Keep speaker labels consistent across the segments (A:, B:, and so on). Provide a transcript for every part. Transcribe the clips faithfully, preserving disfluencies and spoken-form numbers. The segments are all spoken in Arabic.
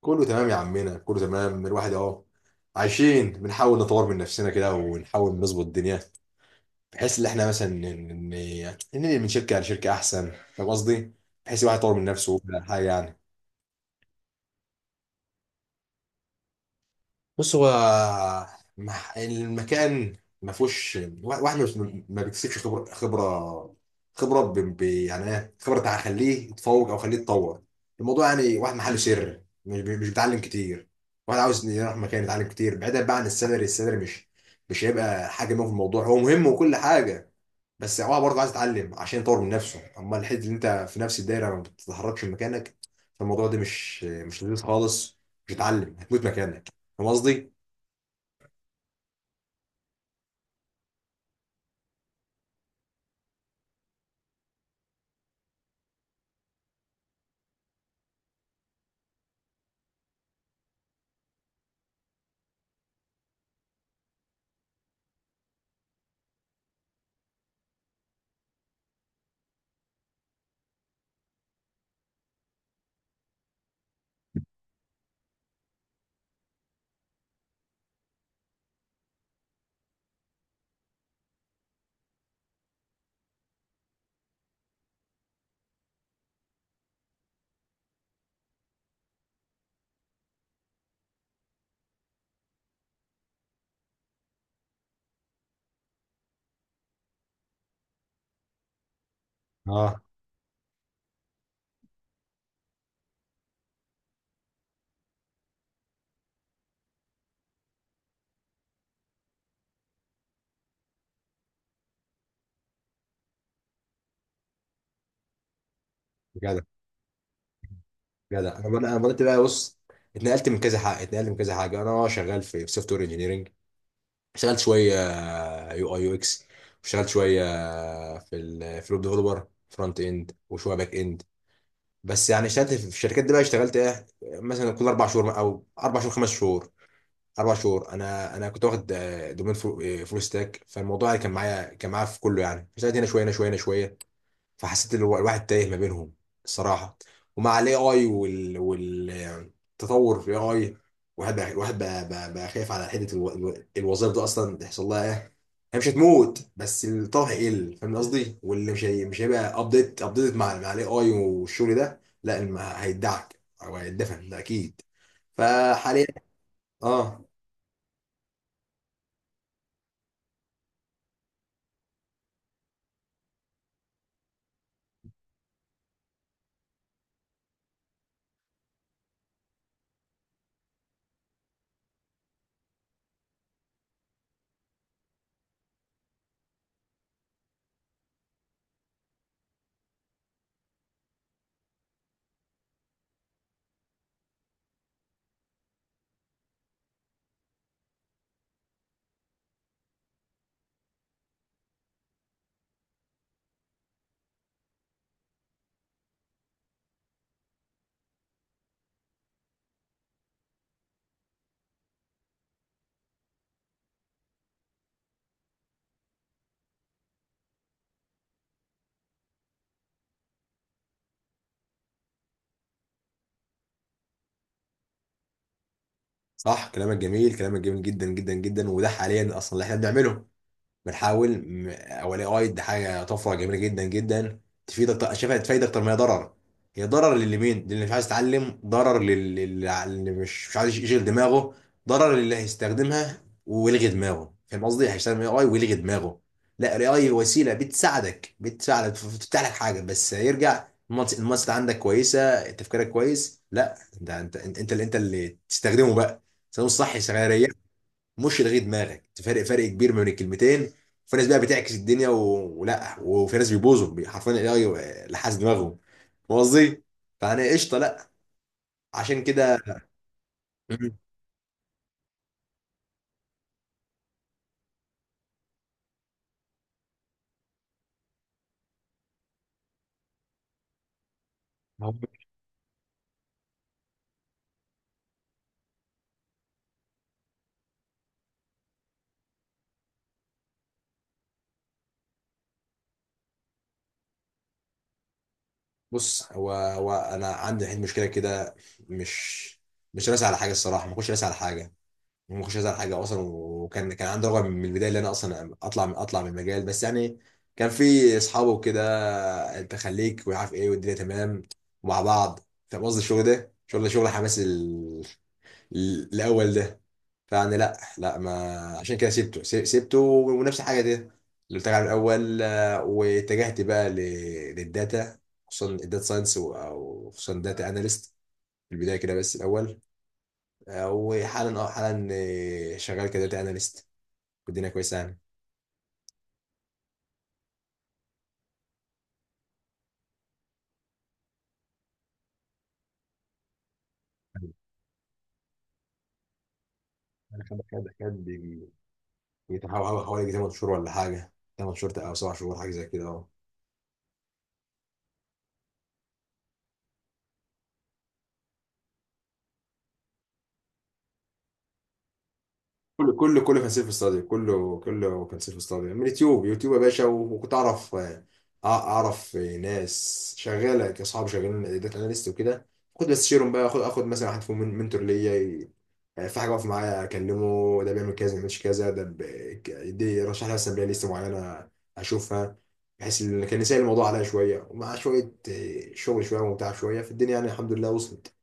A: كله تمام يا عمنا، كله تمام. الواحد اهو عايشين، بنحاول نطور من نفسنا كده ونحاول نظبط الدنيا بحيث ان احنا مثلا ن- ن- ننقل من شركه لشركه احسن، فاهم قصدي؟ بحيث الواحد يطور من نفسه وكل حاجه يعني. بص، هو مح- المكان ما فيهوش واحد مش- ما بيكسبش خبره خبره خبره ب... ب... يعني ايه خبره هخليه يتفوق او خليه يتطور الموضوع؟ يعني واحد محله سر، مش بي- مش بيتعلم كتير. واحد عاوز يروح مكان يتعلم كتير، بعيدا بقى عن السالري. السالري مش مش هيبقى حاجه مهمه في الموضوع، هو مهم وكل حاجه، بس هو برضه عايز يتعلم عشان يطور من نفسه. اما الحته اللي انت في نفس الدايره ما بتتحركش من مكانك، فالموضوع ده مش مش لذيذ خالص، مش هتتعلم، هتموت مكانك، فاهم قصدي؟ اه. جدع، جدع. انا بدأ- انا بدات بقى. بص، اتنقلت من كذا حاجه، اتنقلت من كذا حاجه. انا آه، شغال في سوفت وير انجينيرنج، اشتغلت شويه يو اي يو اكس، واشتغلت شويه آه، في ال في الويب ديفلوبر فرونت اند وشويه باك اند، بس يعني اشتغلت في الشركات دي بقى. اشتغلت ايه مثلا؟ كل اربع شهور او اربع شهور خمس شهور اربع شهور. انا انا كنت واخد آه، دومين فول ستاك، فالموضوع يعني كان معايا كان معايا في كله. يعني اشتغلت هنا شويه، هنا شويه، هنا شويه. فحسيت ان الوا- الواحد تايه ما بينهم الصراحه. ومع الاي اي وال والتطور في الاي اي، الواحد بقى الواحد بقى, بقى, بقى خايف على حته الو... الو- الوظائف دي اصلا تحصل لها ايه. هي مش هتموت بس الطلب هيقل، فاهم قصدي، واللي مش هي... مش هيبقى ابديت ابديت مع مع الاي اي. والشغل ده لا الم- هيدعك او هيدفن ده اكيد. فحاليا. اه. صح، كلامك جميل، كلامك جميل جدا جدا جدا. وده حاليا اصلا اللي احنا بنعمله، بنحاول م- او الاي اي ده حاجه طفره جميله جدا جدا، تفيدك. ط- شايفها تفيد اكتر ما هي ضرر. هي ضرر للمين؟ للي مش عايز يتعلم، ضرر لل- لل- للي مش مش عايز يشغل دماغه، ضرر للي هيستخدمها ويلغي دماغه، فاهم قصدي، هيستخدم الاي اي ويلغي دماغه. لا، الاي اي وسيله بتساعدك بتساعدك بتفتح لك حاجه، بس هيرجع المنطق. المنطق عندك كويسه، تفكيرك كويس، لا ده انت، انت انت اللي انت اللي تستخدمه بقى، تستخدمه الصح، يا مش لغي دماغك، تفرق، فرق كبير ما بين الكلمتين. في ناس بقى بتعكس الدنيا و... ولا، وفي ناس بيبوظوا، بي- حرفيا الاي لحس دماغهم، فاهم قصدي، فانا قشطه لا، عشان كده. مم. هو- بص، هو, هو انا عندي الحين مشكله كده، مش مش راسي على حاجه الصراحه، ما كنتش راسي على حاجه، وما كنتش عايز على حاجه اصلا، وكان كان عندي رغبه من البدايه اللي انا اصلا اطلع من، اطلع من المجال، بس يعني كان في اصحابه وكده. انت خليك وعارف ايه والدنيا تمام ومع بعض، فاهم قصدي. الشغل ده شغل شغل حماس، ال... ال- الاول ده. فيعني لا لا ما، عشان كده سيبته، سي- سيبته، ونفس الحاجه دي اللي قلت لك عليها من الاول. آه، واتجهت بقى ل... للداتا، خصوصا الداتا ساينس، وخصوصا داتا اناليست في البدايه كده بس الاول. آه، وحالا، اه حالا آه، شغال كداتا اناليست، والدنيا كويسه يعني. انا خد خد خد بيتحول حوالي تمن شهور ولا حاجه، تمن شهور او سبع شهور، حاجه زي كده، اه. كله كله كله كان سيلف ستادي، كله كله كان سيلف ستادي، من يوتيوب يوتيوب يا باشا. و- وكنت اعرف، آه، اعرف ناس شغاله كاصحاب، شغالين داتا اناليست وكده، كنت بستشيرهم بقى. اخد اخد مثلا واحد فيهم من- منتور ليا، يعني في حاجه واقفه معايا اكلمه. ده بيعمل كذا، ما بيعملش كذا. ده ب... ك- يدي يرشح لي مثلا بلاي ليست معينه اشوفها، بحيث ان كان يسهل الموضوع عليا شويه، ومع شويه آه، شغل شويه ومتعه شويه في الدنيا يعني، الحمد لله وصلت.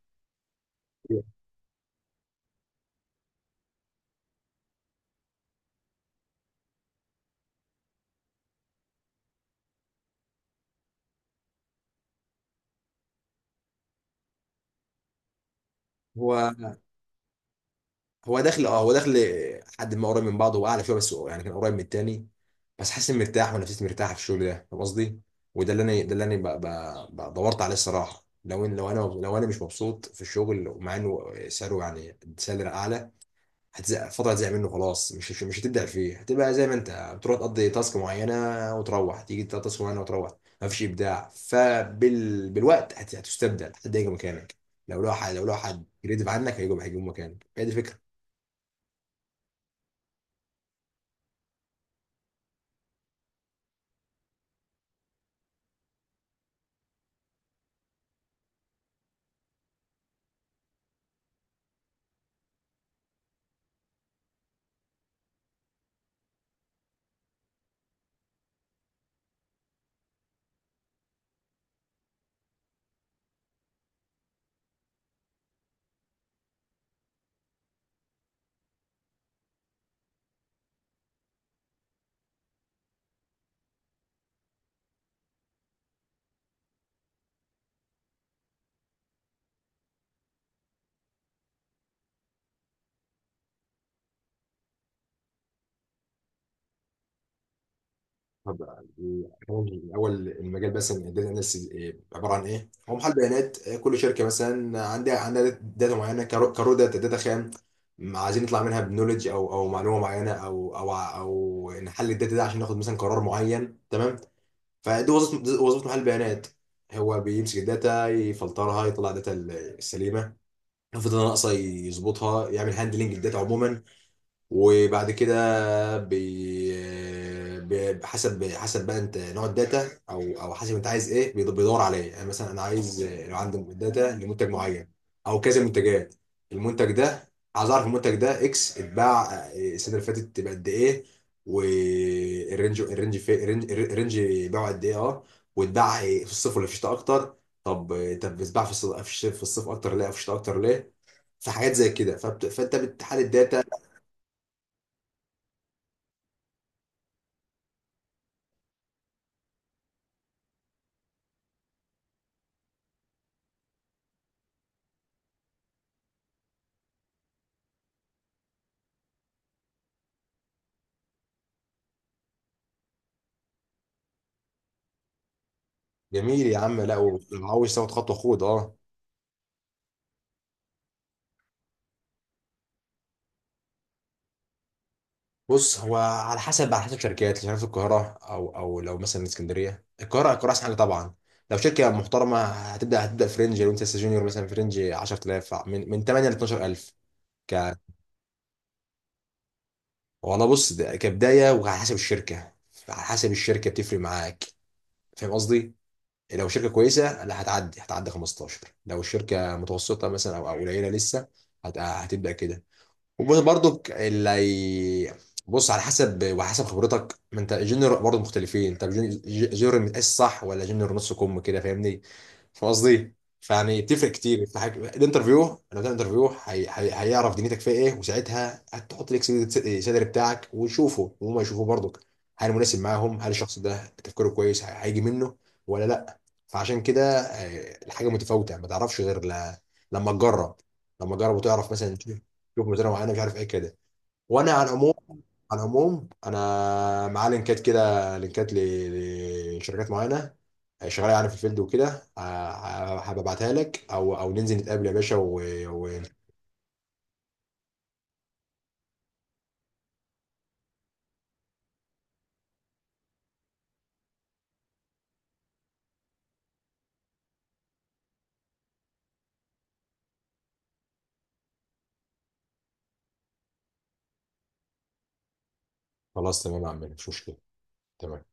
A: هو هو داخل، اه هو داخل حد ما قريب من بعضه، هو اعلى شويه، بس هو يعني كان قريب من التاني، بس حاسس اني مرتاح ونفسيتي مرتاحه في الشغل ده، فاهم قصدي؟ وده اللي انا ده اللي انا ب- ب- ب- دورت عليه الصراحه. لو إن- لو انا، لو انا مش مبسوط في الشغل، ومع انه سعره يعني سالري اعلى، هتزهق فترة، هتزهق منه خلاص، مش مش مش هتبدع فيه، هتبقى زي ما انت بتروح تقضي تاسك معينة، وتروح تيجي تقضي تاسك معينة وتروح، مفيش إبداع. فبال بالوقت هت- هتستبدل، حد هيجي مكانك. لو لو حد لو لو حد كريتيف عنك هيجوا هيجوا مكانك، هي دي فكرة. طب، الأول الأول المجال بس، الداتا اناليسيس آه، عبارة عن إيه؟ هو محل بيانات. آه، كل شركة مثلا عندها عندها داتا معينة، كرو كرو داتا، داتا خام، م- عايزين نطلع منها بنولج، أو أو معلومة معينة، أو أو ع- أو نحلل الداتا ده عشان ناخد مثلا قرار معين، تمام؟ فدي وظيفة، دي وظيفة محل بيانات، هو بيمسك الداتا، يفلترها، يطلع الداتا السليمة، لو في داتا ناقصة يظبطها، يعمل هاندلنج للداتا عموما. وبعد كده بي... بي... حسب حسب بقى انت نوع الداتا، او او حسب انت عايز ايه، بيدو- بيدور على ايه. يعني مثلا انا عايز آه، لو عندي داتا لمنتج معين، او كذا منتجات، المنتج ده عايز اعرف المنتج ده اكس اتباع آه، السنه اللي فاتت بقد ايه، والرينج الرينج في الرينج الرينج بيعه قد ايه، اه. واتباع في الصيف ولا في الشتاء اكتر؟ طب آه، طب اتباع في الص- في الش- في الصيف اكتر ليه، او في الشتاء اكتر ليه، في حاجات زي كده. فبت... فانت بتحلل الداتا. جميل يا عم، لا وعاوز تاخد خطوه، خد اه. بص، هو على حسب، على حسب شركات مش عارف القاهره او او لو مثلا اسكندريه، القاهره، القاهره احسن حاجه طبعا. لو شركه محترمه، هتبدا هتبدا فرنج، لو انت لسه جونيور مثلا، فرنج عشرة آلاف، من من تمانية ل اتناشر الف، ك. والله بص، ده كبدايه، وعلى حسب الشركه، على حسب الشركه بتفرق معاك، فاهم قصدي. لو شركه كويسه لا، هتعدي هتعدي خمستاشر. لو الشركه متوسطه مثلا، او أو قليله لسه، هت- هتبدا كده. وبرضه اللي هي، بص على حسب، وحسب خبرتك، ما انت جونيور برضه مختلفين، انت جون- ج- جونيور متقاس صح، ولا جونيور نص كم كده، فاهمني، فاهم قصدي. فيعني بتفرق كتير في حاجة الانترفيو، لو ده انترفيو هي... هي... هيعرف دنيتك فيها ايه، وساعتها هتحط لك السالري بتاعك ويشوفه، وهم يشوفوه برضك، هل مناسب معاهم، هل الشخص ده تفكيره كويس، هي- هيجي منه ولا لا. فعشان كده آه، الحاجه متفاوته، ما تعرفش غير ل... لما تجرب، لما تجرب وتعرف مثلا، شوف مديرة معينة مش عارف ايه كده. وانا على العموم، على العموم انا معاه لينكات كده، لينكات ل- لشركات معينة شغالة يعني في الفيلد وكده. ه- هبقى ابعتها لك، او او ننزل نتقابل يا باشا، و، و. خلاص تمام يا عم، مفيش مشكلة، تمام.